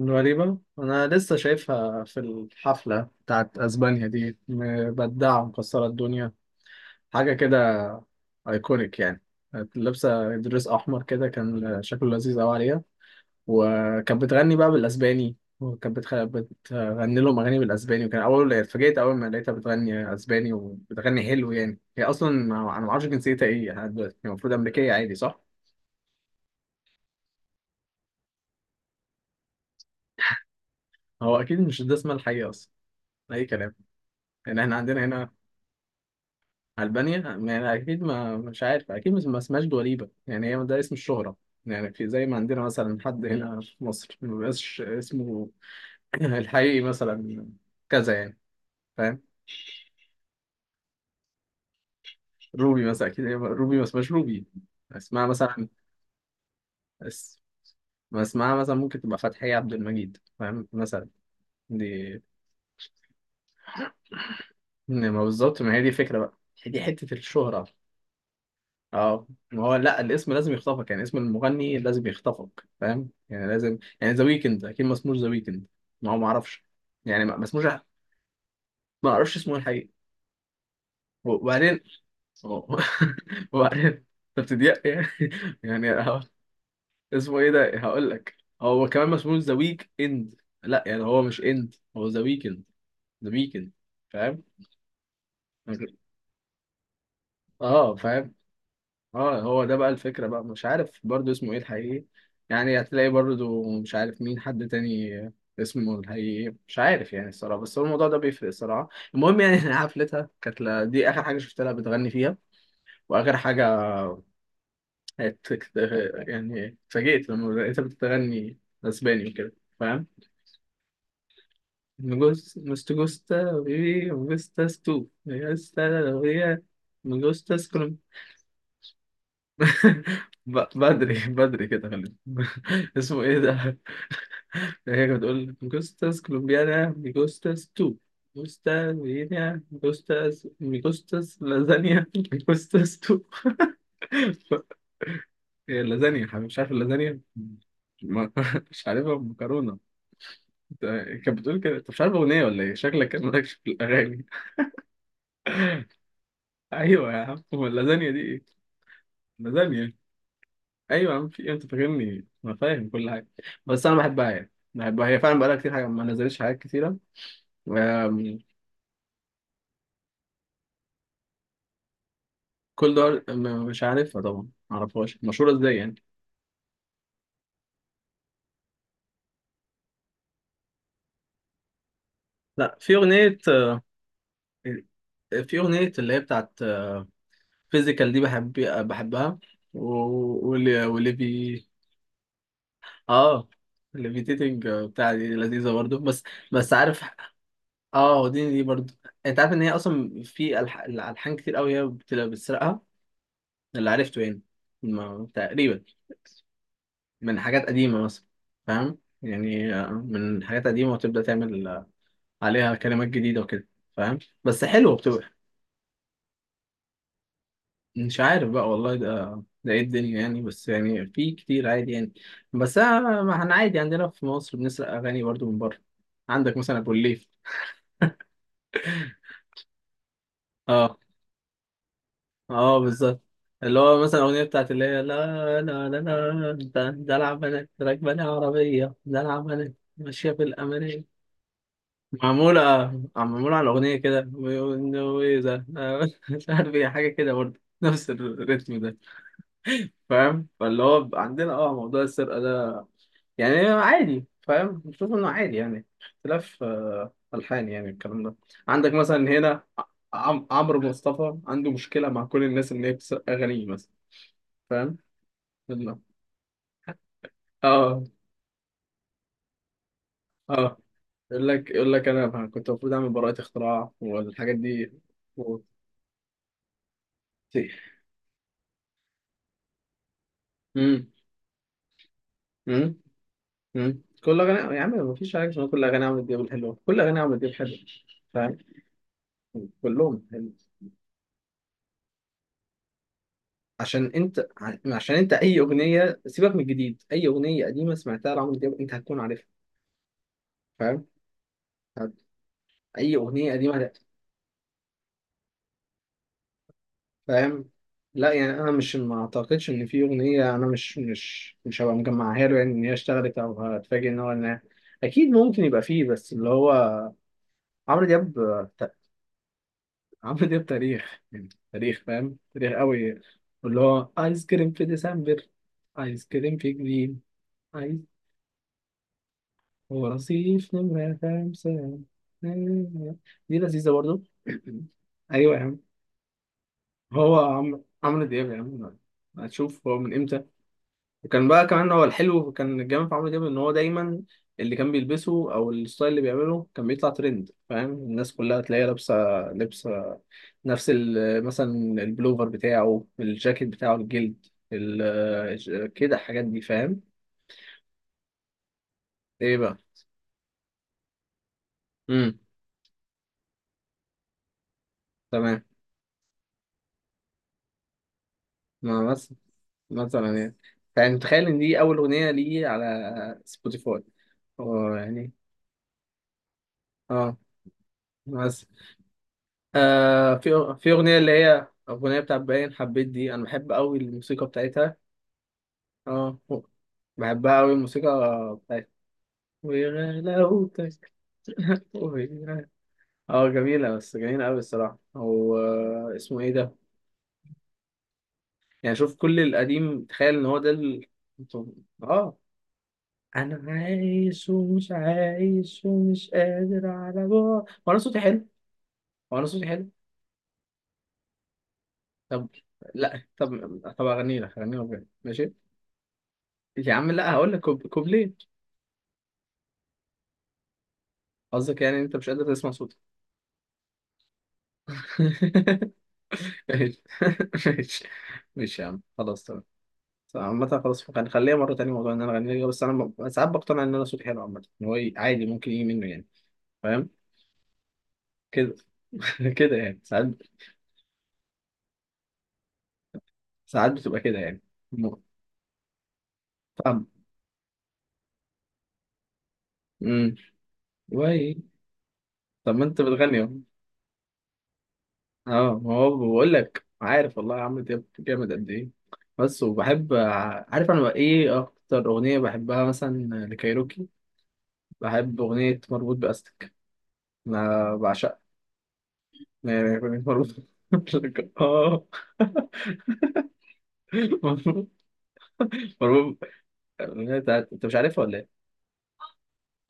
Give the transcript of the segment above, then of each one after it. غريبة، أنا لسه شايفها في الحفلة بتاعت أسبانيا دي، مبدعة ومكسرة الدنيا، حاجة كده، أيكونيك يعني. كانت لابسة دريس أحمر كده كان شكله لذيذ أوي عليها. وكانت بتغني بقى بالأسباني، وكانت بتغني لهم أغاني بالأسباني. وكان أول اتفاجئت أول ما لقيتها بتغني أسباني وبتغني حلو. يعني هي أصلا أنا معرفش جنسيتها إيه لحد دلوقتي. هي المفروض أمريكية عادي، صح؟ هو أكيد مش ده اسمها الحقيقي أصلا، أي كلام. يعني إحنا عندنا هنا. ألبانيا، يعني أكيد، ما مش عارف، أكيد ما اسمهاش دواليبة، يعني هي ده اسم الشهرة. يعني في زي ما عندنا مثلا حد هنا في مصر ما بيبقاش اسمه الحقيقي مثلا كذا يعني، فاهم. روبي مثلا، أكيد هي روبي ما اسمهاش روبي، اسمها مثلا اس... ما اسمها مثلا ممكن تبقى فتحية عبد المجيد، فاهم، مثلا دي. إن ما بالظبط، ما هي دي فكرة بقى، هي دي حتة الشهرة. اه، ما هو لا، الاسم لازم يخطفك، يعني اسم المغني لازم يخطفك فاهم، يعني لازم يعني، ذا ويكند اكيد ما اسموش ذا ويكند، ما هو ما اعرفش، يعني ما اسموش. ما اعرفش اسمه الحقيقي. وبعدين، أوه. وبعدين انت بتضيق يعني. يعني اسمه ايه ده، هقول لك. هو كمان ما اسموش ذا ويك اند، لا يعني هو مش اند، هو ذا ويكند، ذا ويكند، فاهم. اه، فاهم. اه، هو ده بقى الفكرة بقى، مش عارف برضو اسمه ايه الحقيقي. يعني هتلاقي برضو مش عارف مين حد تاني اسمه الحقيقي، مش عارف يعني الصراحة، بس هو الموضوع ده بيفرق الصراحة. المهم يعني، إن حفلتها كانت دي آخر حاجة شفت لها بتغني فيها، وآخر حاجة ات- يعني اتفاجئت لما لقيتها بتغني أسباني وكده، فاهم؟ مجوس مست جوستا بيبي جوستا ستو جوستا لويا. بدري بدري كده خلينا. اسمه ايه ده؟ هي كانت بتقول جوستاس كولومبيانا ميجوستاس تو جوستاس فيينا جوستاس ميجوستاس لازانيا ميجوستاس تو. هي اللازانيا حبيبي، مش عارف اللازانيا ما- مش عارفها، مكرونة. كانت بتقول كده، انت مش عارف اغنية ولا ايه؟ شكلك كان مالكش في الاغاني. ايوه يا عم، هو اللازانيا دي ايه؟ لازانيا. ايوه يا عم، في إيه؟ انت فاكرني انا فاهم كل حاجه، بس انا بحبها يعني. بحبها، هي فعلا بقالها كتير حاجه ما نزلتش حاجات كتيره. آم، كل دول مش عارفها طبعا، ما اعرفهاش مشهوره ازاي يعني. لا، في اغنيه، في اغنيه اللي هي بتاعت فيزيكال دي، بحب بحبها. واللي اه، الليفيتيتنج بتاع دي لذيذه برضو. بس عارف، اه، دي برضو. انت عارف ان هي اصلا في الالحان كتير قوي هي بتبقى بتسرقها، اللي عرفته يعني، ما تقريبا من حاجات قديمة مثلا. فاهم يعني، من حاجات قديمة وتبدأ تعمل عليها كلمات جديدة وكده، فاهم، بس حلوة بتبقى. مش عارف بقى والله، ده ايه الدنيا يعني، بس يعني في كتير عادي يعني. بس ما احنا عادي عندنا في مصر بنسرق أغاني برضو من بره. عندك مثلا أبو الليف. اه، اه، بالظبط. اللي هو مثلا الأغنية بتاعت اللي هي لا لا لا لا ده ده العب بنات راكبة لي عربية ده العب بنات ماشية في الأمان. معمولة معمولة على الأغنية كده، وإذا مش عارف إيه، حاجة كده برضه نفس الريتم ده، فاهم. فاللي هو بيبقى عندنا اه موضوع السرقة ده يعني عادي، فاهم، بشوف إنه عادي يعني، اختلاف ألحان يعني الكلام ده. عندك مثلا هنا عمرو مصطفى عنده مشكلة مع كل الناس إن هي بتسرق أغانيه مثلا، فاهم؟ إنه- اه، اه، يقول لك أنا كنت المفروض أعمل براءة اختراع والحاجات دي. و... امم مم. كل اغاني يا عم مفيش حاجه اسمها كل اغاني عمرو دياب الحلوه، كل اغاني عمرو دياب حلوه، فاهم، كلهم حلو. عشان انت عشان انت اي اغنيه سيبك من الجديد، اي اغنيه قديمه سمعتها لعمرو دياب انت هتكون عارفها، فاهم. هت- اي اغنيه قديمه فاهم. لا يعني انا مش، ما اعتقدش ان في اغنيه انا مش هبقى مجمعها له، يعني ان هي اشتغلت او هتفاجئ ان هو انها، اكيد ممكن يبقى فيه، بس اللي هو عمرو دياب عمرو دياب تاريخ، يعني تاريخ، فاهم، تاريخ قوي. واللي هو ايس كريم في ديسمبر، ايس كريم في جليم، ايس هو رصيف نمرة خمسة دي لذيذة برضو. ايوه يا عم، هو عمرو دياب يا عم، هتشوف هو من امتى. وكان بقى كمان، هو الحلو كان الجامد في عمرو دياب ان هو دايما اللي كان بيلبسه او الستايل اللي بيعمله كان بيطلع ترند، فاهم، الناس كلها تلاقيها لابسه لبسه نفس مثلا البلوفر بتاعه، الجاكيت بتاعه الجلد، كده، الحاجات دي فاهم. ايه بقى. امم تمام. ما بس مثلا يعني، يعني متخيل ان دي اول اغنيه لي على سبوتيفاي. هو يعني اه، بس آه في في اغنيه اللي هي اغنيه بتاعت باين حبيت دي، انا بحب قوي الموسيقى بتاعتها. اه، بحبها قوي الموسيقى بتاعتها، وغلاوتك. اه، جميلة، بس جميلة أوي الصراحة. هو اسمه إيه ده؟ يعني شوف كل القديم، تخيل إن هو ده آه، أنا عايش ومش عايش ومش قادر على بعض. هو أنا صوتي حلو؟ هو أنا صوتي حلو؟ طب، لا طب، أغني لك بجد ماشي؟ يا عم لا هقول لك كوبليه. قصدك يعني أنت مش قادر تسمع صوتك؟ ماشي، ماشي، ماشي يا عم، خلاص تمام. عامة خلاص فوق يعني، خليها مرة تانية موضوع إن أنا أغني لك. بس أنا ساعات بقتنع إن أنا صوتي حلو عامة، إن هو عادي ممكن يجي منه يعني، فاهم كده. كده يعني ساعات بتبقى كده يعني. م- فاهم. امم وي. طب ما أنت بتغني أهو. أه، ما هو بقول لك، عارف والله عمرو دياب جامد قد إيه، بس. وبحب عارف أنا بقى إيه أكتر أغنية بحبها مثلا لكايروكي، بحب أغنية مربوط بأستك، أنا بعشقها. يعني أغنية مربوط، آه. مربوط، الأغنية بتاعت، أنت مش عارفها ولا إيه؟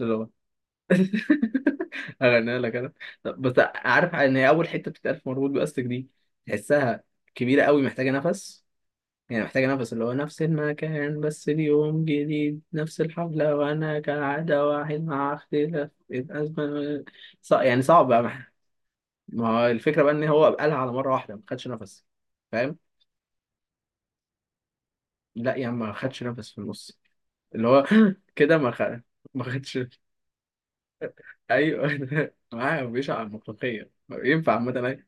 اللي هو أغنيها لك أنا. طب بس عارف إن هي أول حتة بتتقال في مربوط بأستك دي تحسها كبيرة قوي محتاجة نفس، يعني محتاجة نفس، اللي هو نفس المكان بس اليوم جديد، نفس الحفلة وأنا كالعادة واحد مع اختلاف الأزمة، يعني صعب بقى ما هو الفكرة بقى إن هو قالها على مرة واحدة ما خدش نفس، فاهم؟ لا يعني ما خدش نفس في النص اللي هو كده ما خدش. ايوه، معاه بيشعر على المطلقية ينفع عامة، أيوة.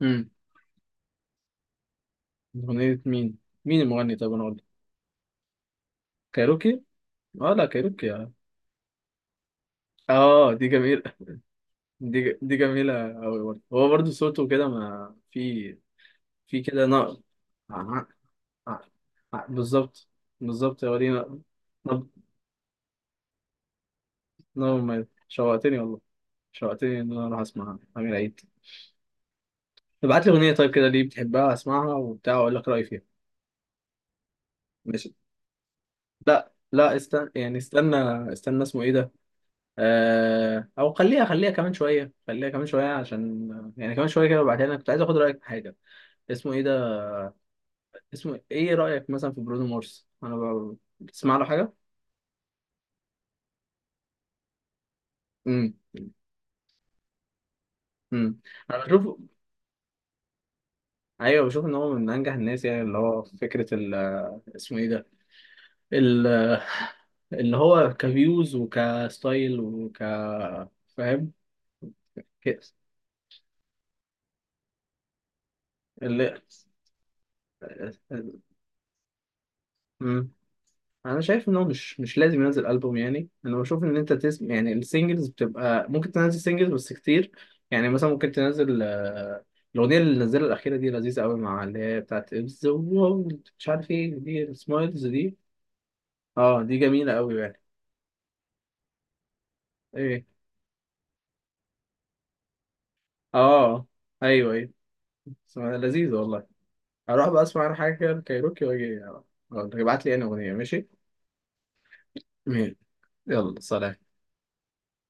امم أغنية مين؟ مين المغني طيب أنا قلت، كايروكي؟ اه، لا كايروكي، اه. دي جميلة. دي جميلة أوي برضه، هو برضه صوته كده، ما في كده نقل. آه، آه، بالظبط، بالظبط هو دي نقل. نبض، نبض مميز. شوقتني والله، شوقتني إن أنا أروح أسمعها، أمير عيد. ابعت لي أغنية طيب كده ليه بتحبها، أسمعها وبتاع وأقول لك رأيي فيها، ماشي. لا لا، استنى يعني، استنى اسمه إيه ده؟ او خليها خليها كمان شويه خليها كمان شويه عشان، يعني كمان شويه كده وبعدين انا كنت عايز اخد رايك في حاجه، اسمه ايه ده، اسمه ايه، رايك مثلا في برونو مارس، انا بتسمع له حاجه. امم امم انا بشوف، ايوه بشوف ان هو من انجح الناس يعني، اللي هو فكره اسمه ايه ده، ال... اللي هو كفيوز وكستايل فاهم كده. اللي... انا شايف ان هو مش لازم ينزل البوم يعني، انا بشوف ان انت تسم يعني السنجلز بتبقى ممكن تنزل سنجلز بس كتير يعني مثلا، ممكن تنزل الاغنيه اللي نزلها الاخيره دي لذيذه قوي، مع اللي هي بتاعت ذا وورلد مش عارف ايه، دي سمايلز دي. اه، دي جميله قوي يعني. ايه، اه، ايوه ايوه، اسمها لذيذه والله. هروح بقى اسمع انا حاجه كده، كايروكي، واجي ابعت لي انا اغنيه، ماشي. ماشي. يلا، سلام.